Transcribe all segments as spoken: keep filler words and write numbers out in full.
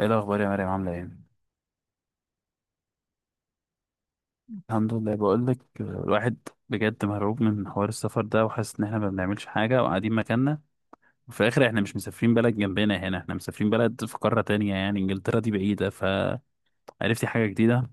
ايه الاخبار يا مريم؟ عامله ايه؟ الحمد لله. بقول لك الواحد بجد مرعوب من حوار السفر ده، وحاسس ان احنا ما بنعملش حاجه وقاعدين مكاننا. وفي الاخر احنا مش مسافرين بلد جنبنا، هنا احنا مسافرين بلد في قاره تانية، يعني انجلترا دي بعيده، فعرفتي حاجه جديده.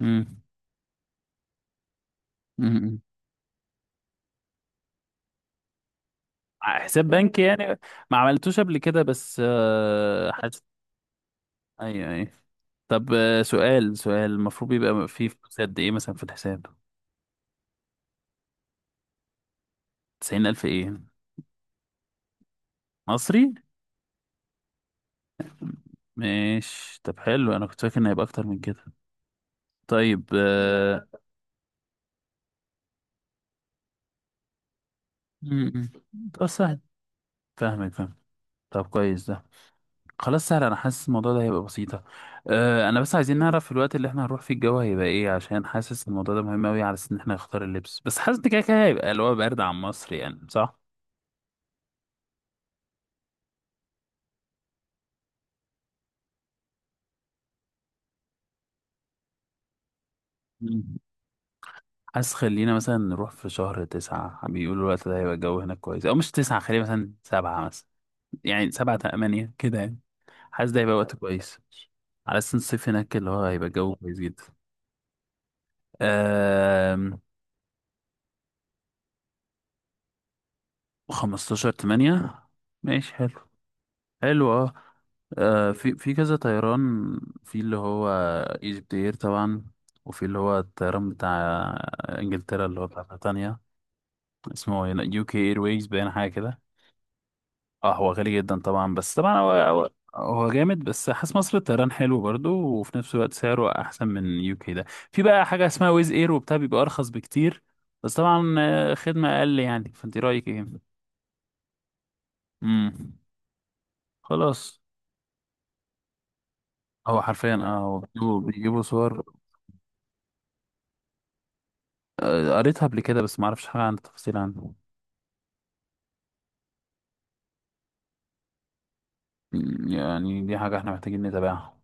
امم. امم. حساب بنكي يعني؟ ما عملتوش قبل كده، بس آه، حاسس. ايوه، ايوه. طب، آه، سؤال سؤال، المفروض يبقى فيه فلوس قد ايه مثلا في الحساب؟ تسعين ألف ايه؟ مصري؟ ماشي. طب حلو، انا كنت فاكر ان هيبقى اكتر من كده. طيب. آه، م- م. طب سهل. فاهمك، فاهم. طب كويس ده. خلاص، سهل. انا حاسس الموضوع ده هيبقى بسيطة. آه، انا بس عايزين نعرف في الوقت اللي احنا هنروح فيه الجو هيبقى ايه، عشان حاسس الموضوع ده مهم قوي على اساس ان احنا نختار اللبس. بس حاسس ان كده كده هيبقى اللي هو برد عن مصر، يعني صح؟ م. حاسس خلينا مثلا نروح في شهر تسعة، بيقولوا الوقت ده هيبقى الجو هناك كويس. أو مش تسعة، خلينا مثلا سبعة مثلا. يعني سبعة، تمانية، كده، يعني حاسس ده هيبقى وقت كويس. على أساس الصيف هناك اللي هو هيبقى الجو كويس جدا. خمستاشر تمانية. ماشي، حلو. حلو، اه. آه، في في كذا طيران. في اللي هو ايجيبت اير طبعا. وفي اللي هو الطيران بتاع انجلترا، اللي هو بتاع بريطانيا. اسمه يو كي اير ويز، باين حاجة كده. اه، هو غالي جدا طبعا، بس طبعا هو هو. هو جامد، بس حاسس مصر الطيران حلو برضو، وفي نفس الوقت سعره احسن من يو كي ده. في بقى حاجة اسمها ويز اير وبتاع بيبقى ارخص بكتير. بس طبعا آه، خدمة اقل، يعني فانت رأيك ايه؟ امم. خلاص. هو حرفيا، اه، هو بيجيبوا بيجيبوا صور. آه، قريتها قبل كده، بس ما اعرفش حاجة عن التفاصيل عنه. م، يعني دي حاجة احنا محتاجين نتابعها.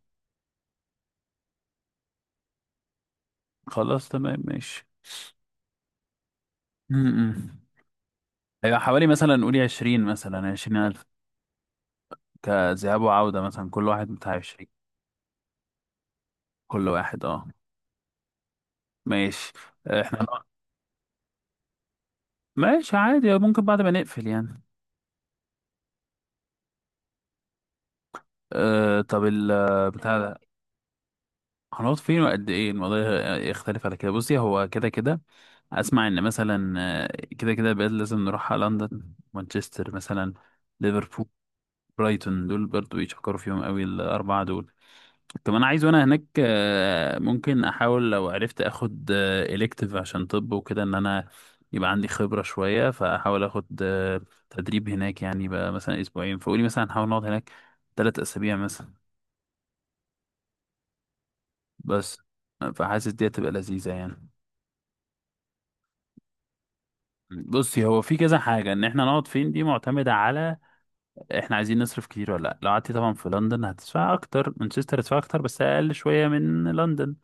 خلاص، تمام، ماشي. امم. هيبقى حوالي مثلا نقول عشرين، مثلا عشرين ألف. كذهاب وعودة مثلا، كل واحد بتاع عشرين. كل واحد، اه. ماشي. آه، احنا. ماشي عادي، ممكن بعد ما نقفل يعني. آه طب ال بتاع ده. هنقعد فين؟ وقد ايه الموضوع؟ يختلف على كده. بصي، هو كده كده. اسمع ان مثلا، آه، كده كده بقى لازم نروح على لندن، مانشستر مثلا، ليفربول. برايتون، دول برضو يشكروا فيهم قوي الاربعه دول. كمان عايز وانا هناك آه، ممكن احاول لو عرفت اخد الكتيف عشان طب وكده، ان انا يبقى عندي خبره شويه، فاحاول اخد آه، تدريب هناك، يعني بقى مثلا اسبوعين. فقولي مثلا هنحاول نقعد هناك ثلاث اسابيع مثلا. بس، فحاسس دي هتبقى لذيذه يعني. بصي، هو في كذا حاجة، ان احنا نقعد فين دي معتمدة على احنا عايزين نصرف كتير ولا لا. لو قعدتي طبعا في لندن هتدفع اكتر، مانشستر هتدفع اكتر بس اقل شوية من لندن.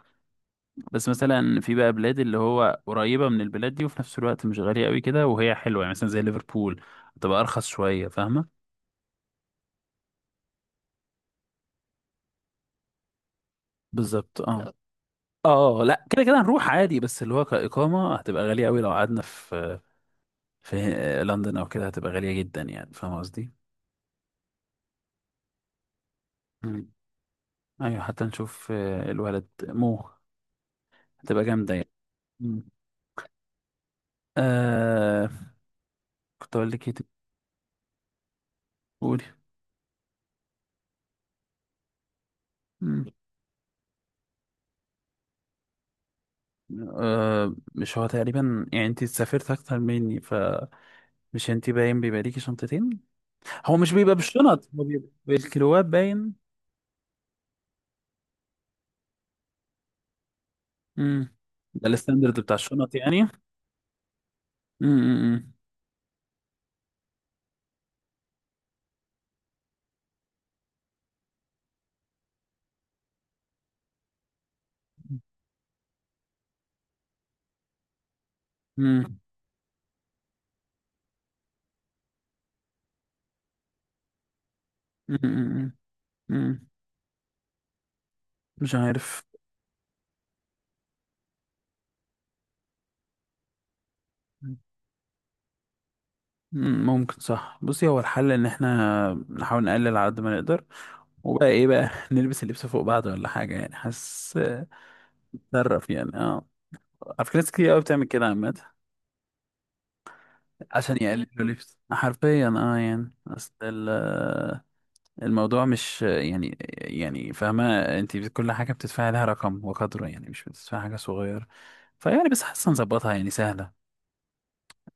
بس مثلا في بقى بلاد اللي هو قريبة من البلاد دي وفي نفس الوقت مش غالية قوي كده، وهي حلوة يعني، مثلا زي ليفربول تبقى ارخص شوية، فاهمة؟ بالظبط، اه. اه لا، كده كده هنروح عادي، بس اللي هو كإقامة هتبقى غالية قوي لو قعدنا في في لندن او كده هتبقى غالية جدا، يعني فاهمة قصدي؟ مم. ايوه، حتى نشوف آه، الولد مو. هتبقى جامدة يعني. مم. آه كنت أقول لك إيه تاني؟ قولي. مم. آه مش هو تقريبا، يعني أنت سافرت أكتر مني، فمش أنت باين بيبقى ليكي شنطتين. هو مش بيبقى بالشنط، هو بيبقى بالكيلوات باين. مم. ده الستاندرد بتاع الشنط يعني. مم. مم. مم. مم. مم. مم. مش عارف. مم، ممكن صح. بصي، هو الحل ان احنا نحاول نقلل على قد ما نقدر. وبقى ايه بقى، نلبس اللبس فوق بعض ولا حاجة، يعني حاسس نتصرف يعني، اه. على فكرة ناس كتير قوي بتعمل كده عامة عشان يقللوا لبس حرفيا، اه، يعني اصل ال- الموضوع مش يعني، يعني فاهمة. انت كل حاجة بتدفعي لها رقم وقدره، يعني مش بتدفعي حاجة صغيرة. فيعني بس حاسة نظبطها، يعني سهلة.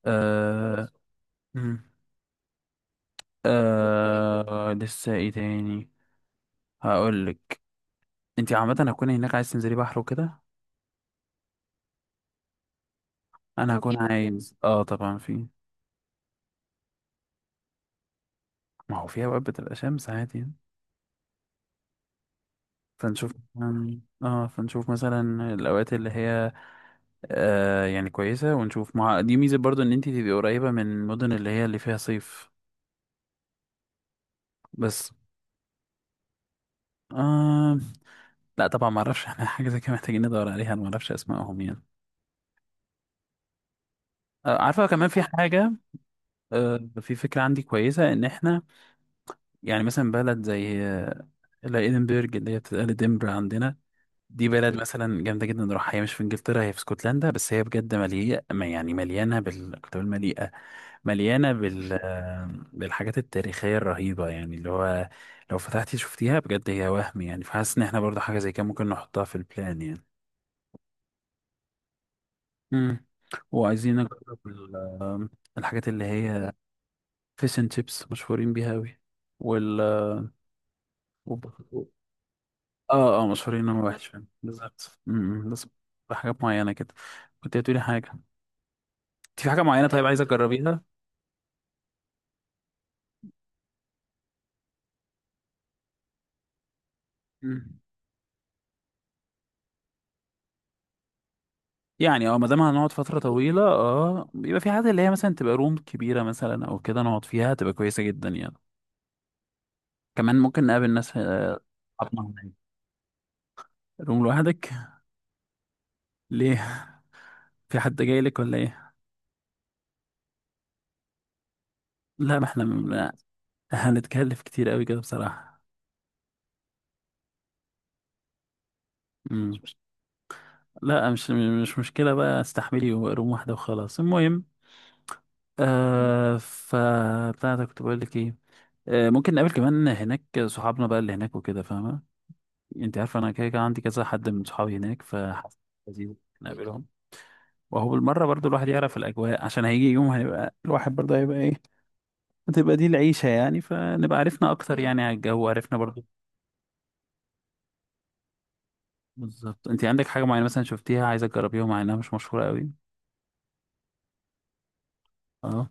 آه. مم. آه لسه ايه تاني؟ هقولك. انت عامة هتكوني هناك عايز تنزلي بحر وكده؟ انا هكون عايز، اه طبعا في. ما هو في اوقات بتبقى شمس عادي يعني. فنشوف مثلاً- اه فنشوف مثلا الاوقات اللي هي آه يعني كويسه، ونشوف. مع دي ميزه برضو ان انت تبقي قريبه من المدن اللي هي اللي فيها صيف. بس، آه لا طبعا ما اعرفش احنا حاجه زي كده محتاجين ندور عليها، انا ما اعرفش اسمائهم يعني. آه عارفه كمان في حاجه. آه في فكره عندي كويسه، ان احنا يعني مثلا بلد زي، آه لا، ادنبرج اللي هي بتتقال دنبر عندنا. دي بلد مثلا جامده جدا، نروحها. هي مش في انجلترا، هي في اسكتلندا، بس هي بجد مليئه، ما يعني مليانه بال، كنت بقول مليئه. مليانة بال بالحاجات التاريخية الرهيبة، يعني اللي هو لو فتحتي شفتيها بجد هي وهم، يعني فحاسس إن احنا برضه حاجة زي كده ممكن نحطها في البلان يعني. مم. وعايزين نجرب ال- الحاجات اللي هي فيش اند شيبس مشهورين بيها أوي. وال وب- اه، اه، مشهورين انهم وحش فعلا. بالظبط. مم، بس بحاجات معينة كده. كنت هتقولي حاجة؟ انت في حاجة معينة، طيب عايزة تجربيها؟ يعني، اه، ما دام هنقعد فترة طويلة، اه، بيبقى في حاجات اللي هي مثلا تبقى روم كبيرة مثلا او كده، نقعد فيها تبقى كويسة جدا يعني. كمان ممكن نقابل ناس آه، أصحابنا هناك. روم لوحدك؟ ليه؟ في حد جاي لك ولا ايه؟ لا ما احنا م- لا، هنتكلف كتير قوي كده بصراحة. مم. لا مش، مش مشكلة، بقى استحملي روم واحدة وخلاص المهم. آه فبتاعتك، كنت بقول لك ايه؟ آه ممكن نقابل كمان هناك صحابنا بقى اللي هناك وكده، فاهمة؟ انت عارف انا كده كده عندي كذا حد من صحابي هناك، فحاسس لذيذ نقابلهم. وهو بالمرة برضو الواحد يعرف الأجواء، عشان هيجي يوم هيبقى الواحد برضو هيبقى إيه، هتبقى دي العيشة يعني، فنبقى عرفنا أكتر يعني على الجو، عرفنا برضو. بالظبط. أنت عندك حاجة معينة مثلا شفتيها عايزة تجربيها مع إنها مش مشهورة قوي؟ أه.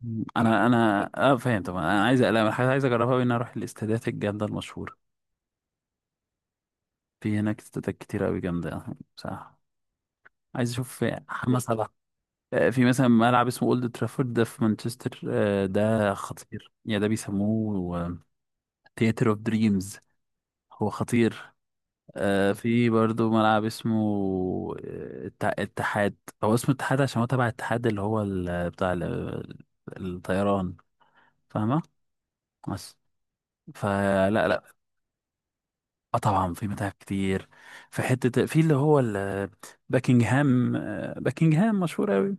مم. أنا أنا أه فاهم طبعا، أنا عايز، لا أنا حاجة عايز أجربها قوي، إن أنا أروح الاستادات الجامدة المشهورة. في هناك استادات كتير قوي جامدة. صح. عايز أشوف محمد صلاح. آه، في مثلا ملعب اسمه اولد ترافورد، ده في مانشستر، آه، ده خطير، يعني ده بيسموه ثياتر اوف دريمز. هو خطير. آه، في برضو ملعب اسمه آه، الت- الاتحاد. هو اسمه الاتحاد، عشان هو تبع الاتحاد اللي هو ال- بتاع ال- الطيران. فاهمة. بس، فلا، لا. آه، طبعا في متاحف كتير. في حتة في اللي هو ال- باكنجهام، آه، باكنجهام مشهور أوي.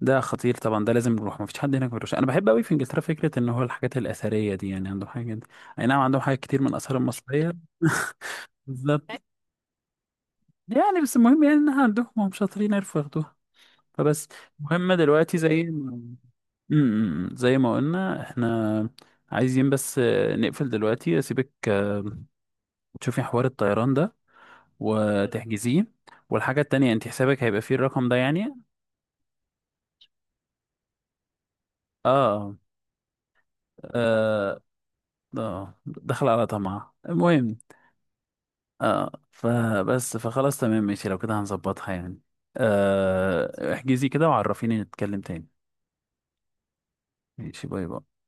ده خطير طبعا، ده لازم نروح. مفيش حد هناك ما بيروحش. انا بحب قوي في انجلترا فكره ان هو الحاجات الاثريه دي، يعني عندهم حاجات. اي نعم، عندهم حاجات كتير من الاثار المصريه. بالظبط. يعني بس المهم يعني انها عندهم، هم شاطرين يعرفوا ياخدوها. فبس، المهم دلوقتي زي ما، امم زي ما قلنا احنا عايزين بس آه، نقفل دلوقتي، اسيبك آه، تشوفي حوار الطيران ده وتحجزيه. والحاجه التانية، انت حسابك هيبقى فيه الرقم ده يعني. اه. اه، آه. دخل على طمع المهم. اه، فبس، فخلاص تمام ماشي، لو كده هنظبطها يعني. آه احجزي كده وعرفيني نتكلم تاني. ماشي، باي باي.